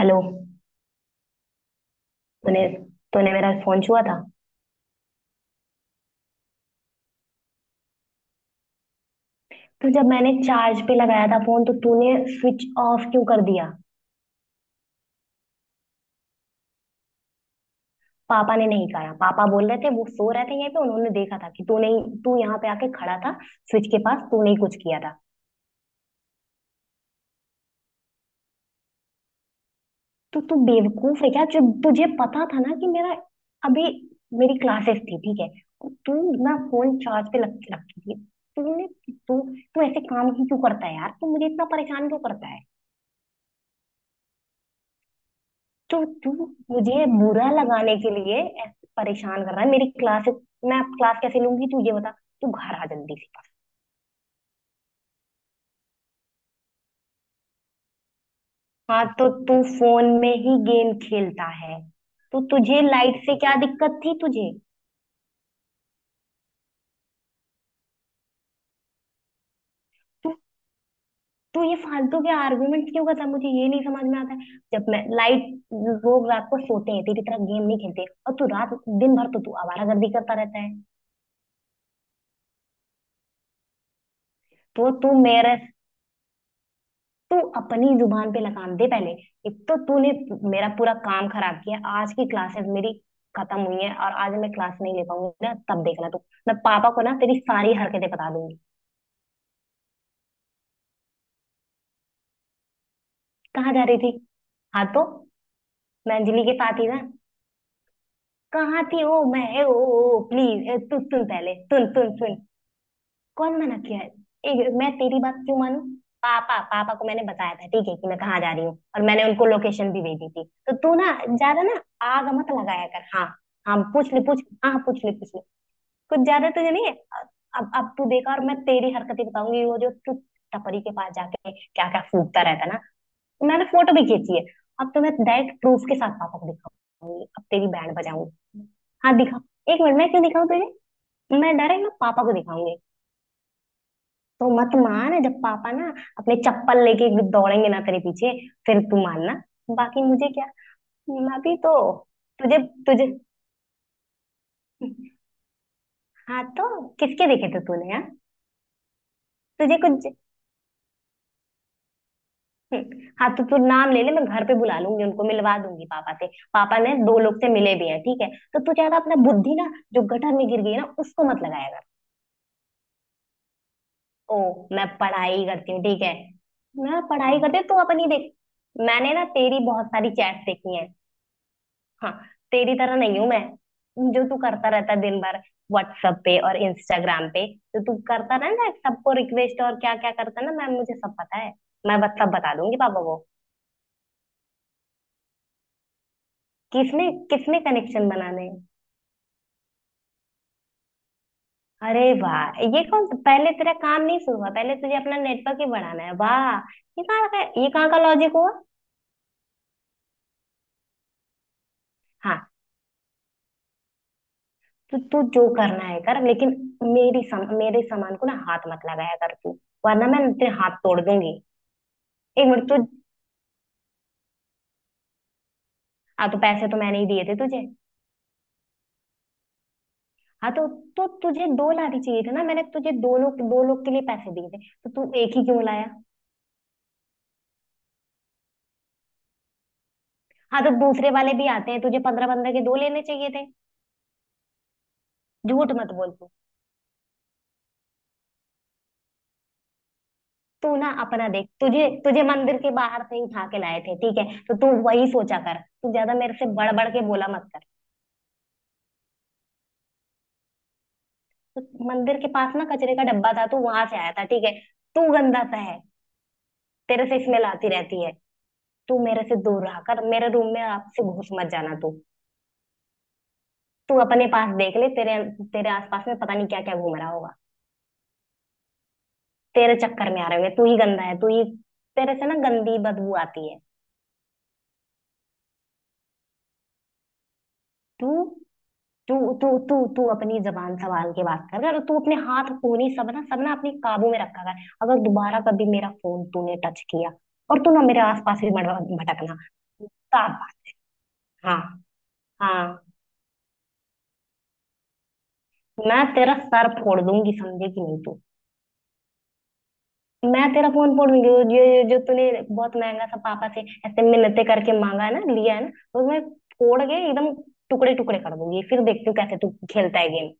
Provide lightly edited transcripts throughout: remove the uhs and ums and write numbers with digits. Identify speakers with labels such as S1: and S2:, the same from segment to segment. S1: Hello. तूने तूने मेरा फोन छुआ था। तो जब मैंने चार्ज पे लगाया था फोन, तो तूने स्विच ऑफ क्यों कर दिया? पापा ने नहीं कहा, पापा बोल रहे थे। वो सो रहे थे यहीं पे। उन्होंने देखा था कि तूने तू यहाँ पे आके खड़ा था। स्विच के पास तूने ही कुछ किया था। तो तू बेवकूफ है क्या? जब तुझे पता था ना कि मेरा अभी मेरी क्लासेस थी, ठीक है। तू ना फोन चार्ज पे रख रखी थी। तूने तू तू ऐसे काम ही क्यों करता है यार? तू मुझे इतना परेशान क्यों करता है? तो तू मुझे बुरा लगाने के लिए ऐसे परेशान कर रहा है। मेरी क्लास मैं अब क्लास कैसे लूंगी, तू ये बता। तू घर आ जल्दी से बस। हाँ तो तू फोन में ही गेम खेलता है? तो तुझे लाइट से क्या दिक्कत थी तुझे? तू तू ये फालतू के आर्गुमेंट क्यों करता है? मुझे ये नहीं समझ में आता है। जब मैं लाइट लोग रात को सोते हैं तेरी तरह, गेम नहीं खेलते। और तू रात दिन भर तो तू आवारागर्दी करता रहता है। तो तू मेरे तू अपनी जुबान पे लगाम दे पहले। एक तो तूने मेरा पूरा काम खराब किया। आज की क्लासेस मेरी खत्म हुई है, और आज मैं क्लास नहीं ले पाऊंगी ना, तब देखना तू। मैं पापा को ना तेरी सारी हरकतें बता दूंगी। कहाँ जा रही थी? हाँ तो मैं अंजलि के साथ ही ना। कहाँ थी? ओ, ओ, ओ, प्लीज तू सुन। पहले सुन सुन सुन। कौन मना किया है? एक, मैं तेरी बात क्यों मानूं? पापा पापा को मैंने बताया था, ठीक है, कि मैं कहाँ जा रही हूँ। और मैंने उनको लोकेशन भी भेजी थी। तो तू ना ज्यादा ना। आग मत लगाया कर, हाँ। हाँ पूछ ले पूछ। हाँ पूछ ले पूछ ले। कुछ ज्यादा तुझे नहीं है। अब तू देखा, और मैं तेरी हरकतें बताऊंगी, वो जो तू टपरी के पास जाके क्या क्या फूकता रहता ना। तो मैंने फोटो भी खींची है। अब तो मैं डायरेक्ट प्रूफ के साथ पापा को दिखाऊंगी। अब तेरी बैंड बजाऊंगी। हाँ दिखा। एक मिनट, मैं क्यों दिखाऊं तुझे? मैं डायरेक्ट ना पापा को दिखाऊंगी। तो मत मान। जब पापा ना अपने चप्पल लेके एकदम दौड़ेंगे ना तेरे पीछे, फिर तू मानना। बाकी मुझे क्या। मैं भी तो तुझे तुझे हाँ तो, किसके देखे थे तूने? हाँ। तुझे कुछ हाँ तो तू नाम ले ले। मैं घर पे बुला लूंगी, उनको मिलवा दूंगी पापा से। पापा ने दो लोग से मिले भी हैं, ठीक है। तो तू ज्यादा अपना बुद्धि ना, जो गटर में गिर गई है ना, उसको मत लगाया कर। ओ, मैं पढ़ाई करती हूँ, ठीक है। मैं पढ़ाई करती हूँ, तू अपनी देख। मैंने ना तेरी बहुत सारी चैट देखी है। हाँ, तेरी तरह नहीं हूं मैं। जो तू करता रहता है दिन भर व्हाट्सएप पे और इंस्टाग्राम पे। जो तू करता रहता है सबको रिक्वेस्ट और क्या क्या करता है ना मैम, मुझे सब पता है। मैं बस सब बता दूंगी पापा को। किसने किसने कनेक्शन बनाने हैं? अरे वाह, ये कौन? पहले तेरा काम नहीं शुरू हुआ, पहले तुझे अपना नेटवर्क ही बढ़ाना है, वाह। ये कहाँ का लॉजिक हुआ? हाँ, तू तू जो करना है कर, लेकिन मेरे सामान को ना हाथ मत लगाया कर तू, वरना मैं तेरे हाथ तोड़ दूंगी। एक मिनट तू। हाँ तो पैसे तो मैंने ही दिए थे तुझे। हाँ, तो तुझे दो लाने चाहिए थे ना। मैंने तुझे दो लोग के लिए पैसे दिए थे। तो तू एक ही क्यों लाया? हाँ तो दूसरे वाले भी आते हैं, तुझे 15-15 के दो लेने चाहिए थे। झूठ मत बोल तू। तू ना अपना देख, तुझे तुझे मंदिर के बाहर से ही उठा के लाए थे, ठीक है। तो तू वही सोचा कर, तू ज्यादा मेरे से बढ़ बढ़ के बोला मत कर। तो मंदिर के पास ना कचरे का डब्बा था, तू वहां से आया था, ठीक है। तू गंदा सा है। तेरे से स्मेल आती रहती है। तू मेरे से दूर रहा कर, मेरे रूम में आपसे घुस मत जाना तू। तू अपने पास देख ले, तेरे तेरे आसपास में पता नहीं क्या क्या घूम रहा होगा। तेरे चक्कर में आ रहे होंगे, तू ही गंदा है, तू ही। तेरे से ना गंदी बदबू आती है। तू तू तू तू तू अपनी जबान संभाल के बात कर कर, और तू अपने हाथ पूरी सब ना अपने काबू में रखा कर, अगर दोबारा कभी मेरा फोन तूने टच किया। और तू ना मेरे आसपास भी मत भटकना। तो आप- हाँ हाँ। मैं तेरा सर फोड़ दूंगी, समझेगी नहीं तू। मैं तेरा फोन फोड़ूंगी, वो जो जो जो तूने बहुत महंगा सा पापा से ऐसे मिन्नतें करके मांगा है ना, लिया है ना, वो मैं फोड़ के एकदम टुकड़े टुकड़े कर दूंगी, फिर देखती हूँ कैसे तू खेलता है गेम।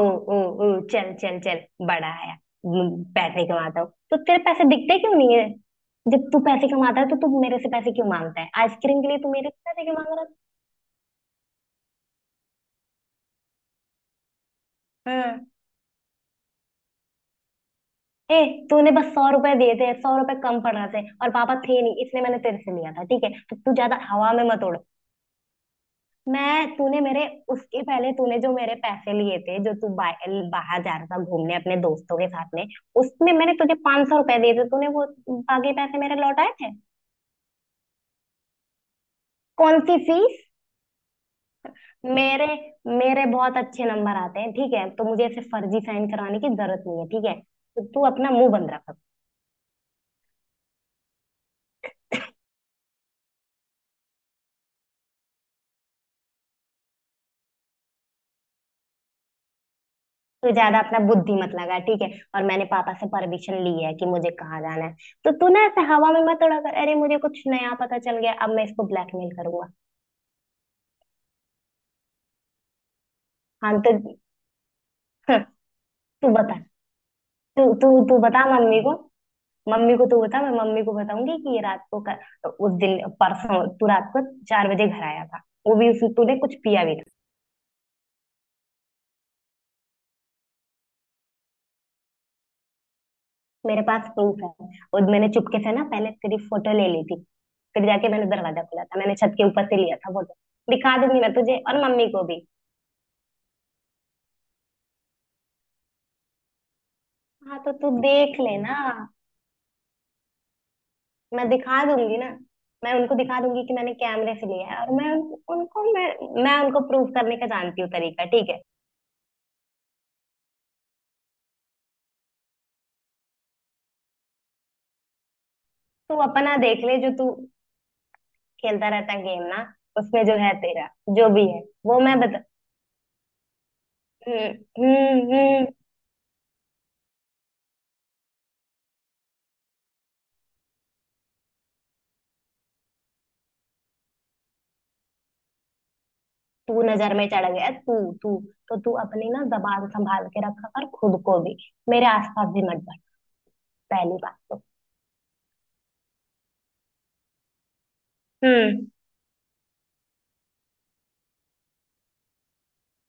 S1: ओ ओ ओ, चल चल चल, बड़ा आया। पैसे कमाता हूँ तो तेरे पैसे दिखते क्यों नहीं है? जब तू पैसे कमाता है तो तू मेरे से पैसे क्यों मांगता है? आइसक्रीम के लिए तू मेरे से पैसे क्यों मांग रहा है? हाँ। ए, तूने बस 100 रुपए दिए थे, 100 रुपए कम पड़ रहे थे, और पापा थे नहीं, इसलिए मैंने तेरे से लिया था, ठीक है? तो तू ज्यादा हवा में मत उड़। मैं तूने मेरे उसके पहले तूने जो मेरे पैसे लिए थे, जो तू बाहर जा रहा था घूमने अपने दोस्तों के साथ में, उसमें मैंने तुझे 500 रुपए दिए थे, तूने वो बाकी पैसे मेरे लौटाए थे? कौन सी फीस? मेरे मेरे बहुत अच्छे नंबर आते हैं, ठीक है, तो मुझे ऐसे फर्जी साइन कराने की जरूरत नहीं है, ठीक है। तो तू अपना मुंह बंद रख। तू ज्यादा अपना बुद्धि मत लगा, ठीक है। और मैंने पापा से परमिशन ली है कि मुझे कहाँ जाना है। तो तू ना ऐसे हवा में मत उड़ा कर, "अरे मुझे कुछ नया पता चल गया, अब मैं इसको ब्लैकमेल करूंगा"। हाँ तो तू बता। तू तू तू बता मम्मी को। मम्मी को तू बता, मैं मम्मी को बताऊंगी कि ये रात को कर, तो उस दिन परसों तू रात को 4 बजे घर आया था, वो भी उस तूने कुछ पिया भी था। मेरे पास प्रूफ है। और मैंने चुपके से ना पहले तेरी फोटो ले ली थी। फिर जाके मैंने दरवाजा खोला था, मैंने छत के ऊपर से लिया था फोटो। दिखा दूंगी मैं तुझे और मम्मी को भी। हाँ तो तू देख लेना। मैं दिखा दूंगी ना। मैं उनको दिखा दूंगी कि मैंने कैमरे से लिया है। और मैं उन- उनको मैं उनको प्रूफ करने का जानती हूँ तरीका, ठीक है। तू अपना देख ले जो तू खेलता रहता गेम ना उसमें जो है तेरा जो भी है वो मैं बता हम्म हम्म। तू नजर में चढ़ गया तू तू तो तू अपनी ना जबान संभाल के रखा कर खुद को भी। मेरे आसपास भी मत बढ़। पहली बात तो। हम्म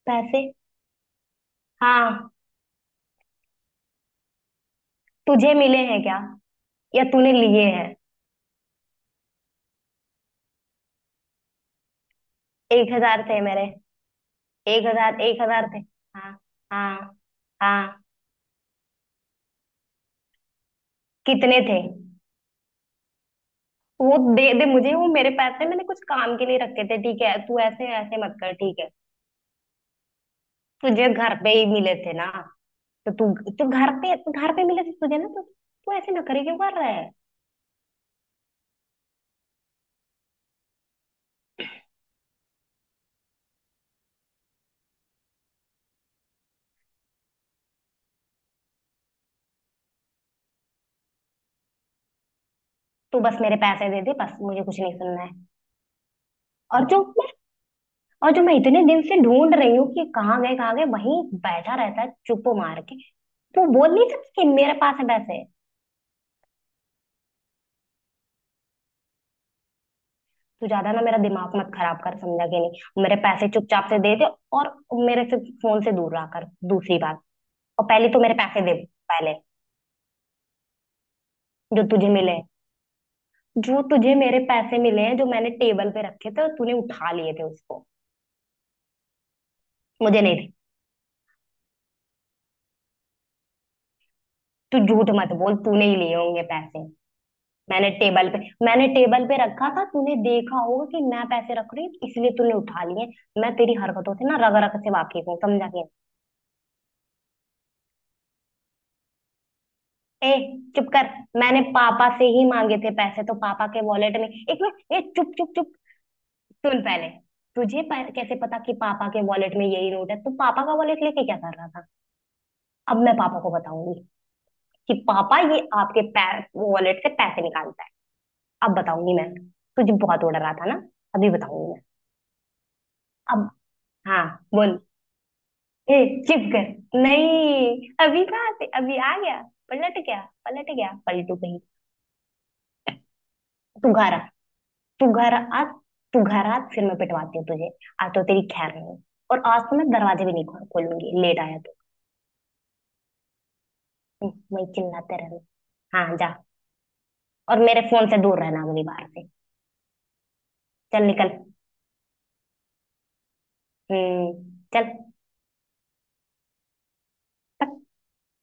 S1: पैसे? हाँ। तुझे मिले हैं क्या, या तूने लिए हैं? 1000 थे मेरे। 1000 1000 थे। हाँ। हाँ। हाँ। कितने थे? वो दे दे मुझे, वो मेरे पैसे, मैंने कुछ काम के लिए रखे थे, ठीक है? तू ऐसे ऐसे मत कर, ठीक है। तुझे घर पे ही मिले थे ना? तो तू। तो घर पे मिले थे तुझे ना, तो तू ऐसे ना करे, क्यों कर रहा है? तू बस मेरे पैसे दे दे, बस मुझे कुछ नहीं सुनना है। और जो मैं और जो मैं इतने दिन से ढूंढ रही हूँ कि कहाँ गए कहाँ गए, वहीं बैठा रहता है चुप मार के। तू बोल नहीं सकती कि मेरे पास है पैसे? तू ज्यादा ना मेरा दिमाग मत खराब कर, समझा कि नहीं, मेरे पैसे चुपचाप से दे दे। और मेरे से फोन से दूर रहा कर, दूसरी बात। और पहले तो मेरे पैसे दे, पहले। जो तुझे मिले हैं जो तुझे मेरे पैसे मिले हैं, जो मैंने टेबल पे रखे थे और तूने उठा लिए थे उसको। मुझे नहीं थे। तू झूठ मत बोल, तूने ही लिए होंगे पैसे। मैंने टेबल पे मैंने टेबल पे रखा था, तूने देखा होगा कि मैं पैसे रख रही हूँ, इसलिए तूने उठा लिए। मैं तेरी हरकतों से ना रग रग से वाकिफ हूँ, समझा के। ए चुप कर! मैंने पापा से ही मांगे थे पैसे तो पापा के वॉलेट में। एक मिनट, ए चुप चुप चुप। सुन पहले। तुझे कैसे पता कि पापा के वॉलेट में यही नोट है? तू पापा का वॉलेट लेके क्या कर रहा था? अब मैं पापा को बताऊंगी कि पापा, ये आपके वॉलेट से पैसे निकालता है। अब बताऊंगी मैं। तुझे बहुत उड़ रहा था ना। अभी बताऊंगी मैं। अब। हाँ बोल। ए चुप कर। नहीं अभी कहाँ से अभी आ गया? पलट गया। पलट गया पलटू कहीं। तू घारा तू घारा आज तू घारा आज, फिर मैं पिटवाती हूँ तुझे। आज तो तेरी खैर नहीं। और आज तो मैं दरवाजे भी नहीं खोलूंगी, लेट आया। वही चिल्लाते रहना। हाँ जा। और मेरे फोन से दूर रहना अगली बार से। चल निकल। हम्म, चल।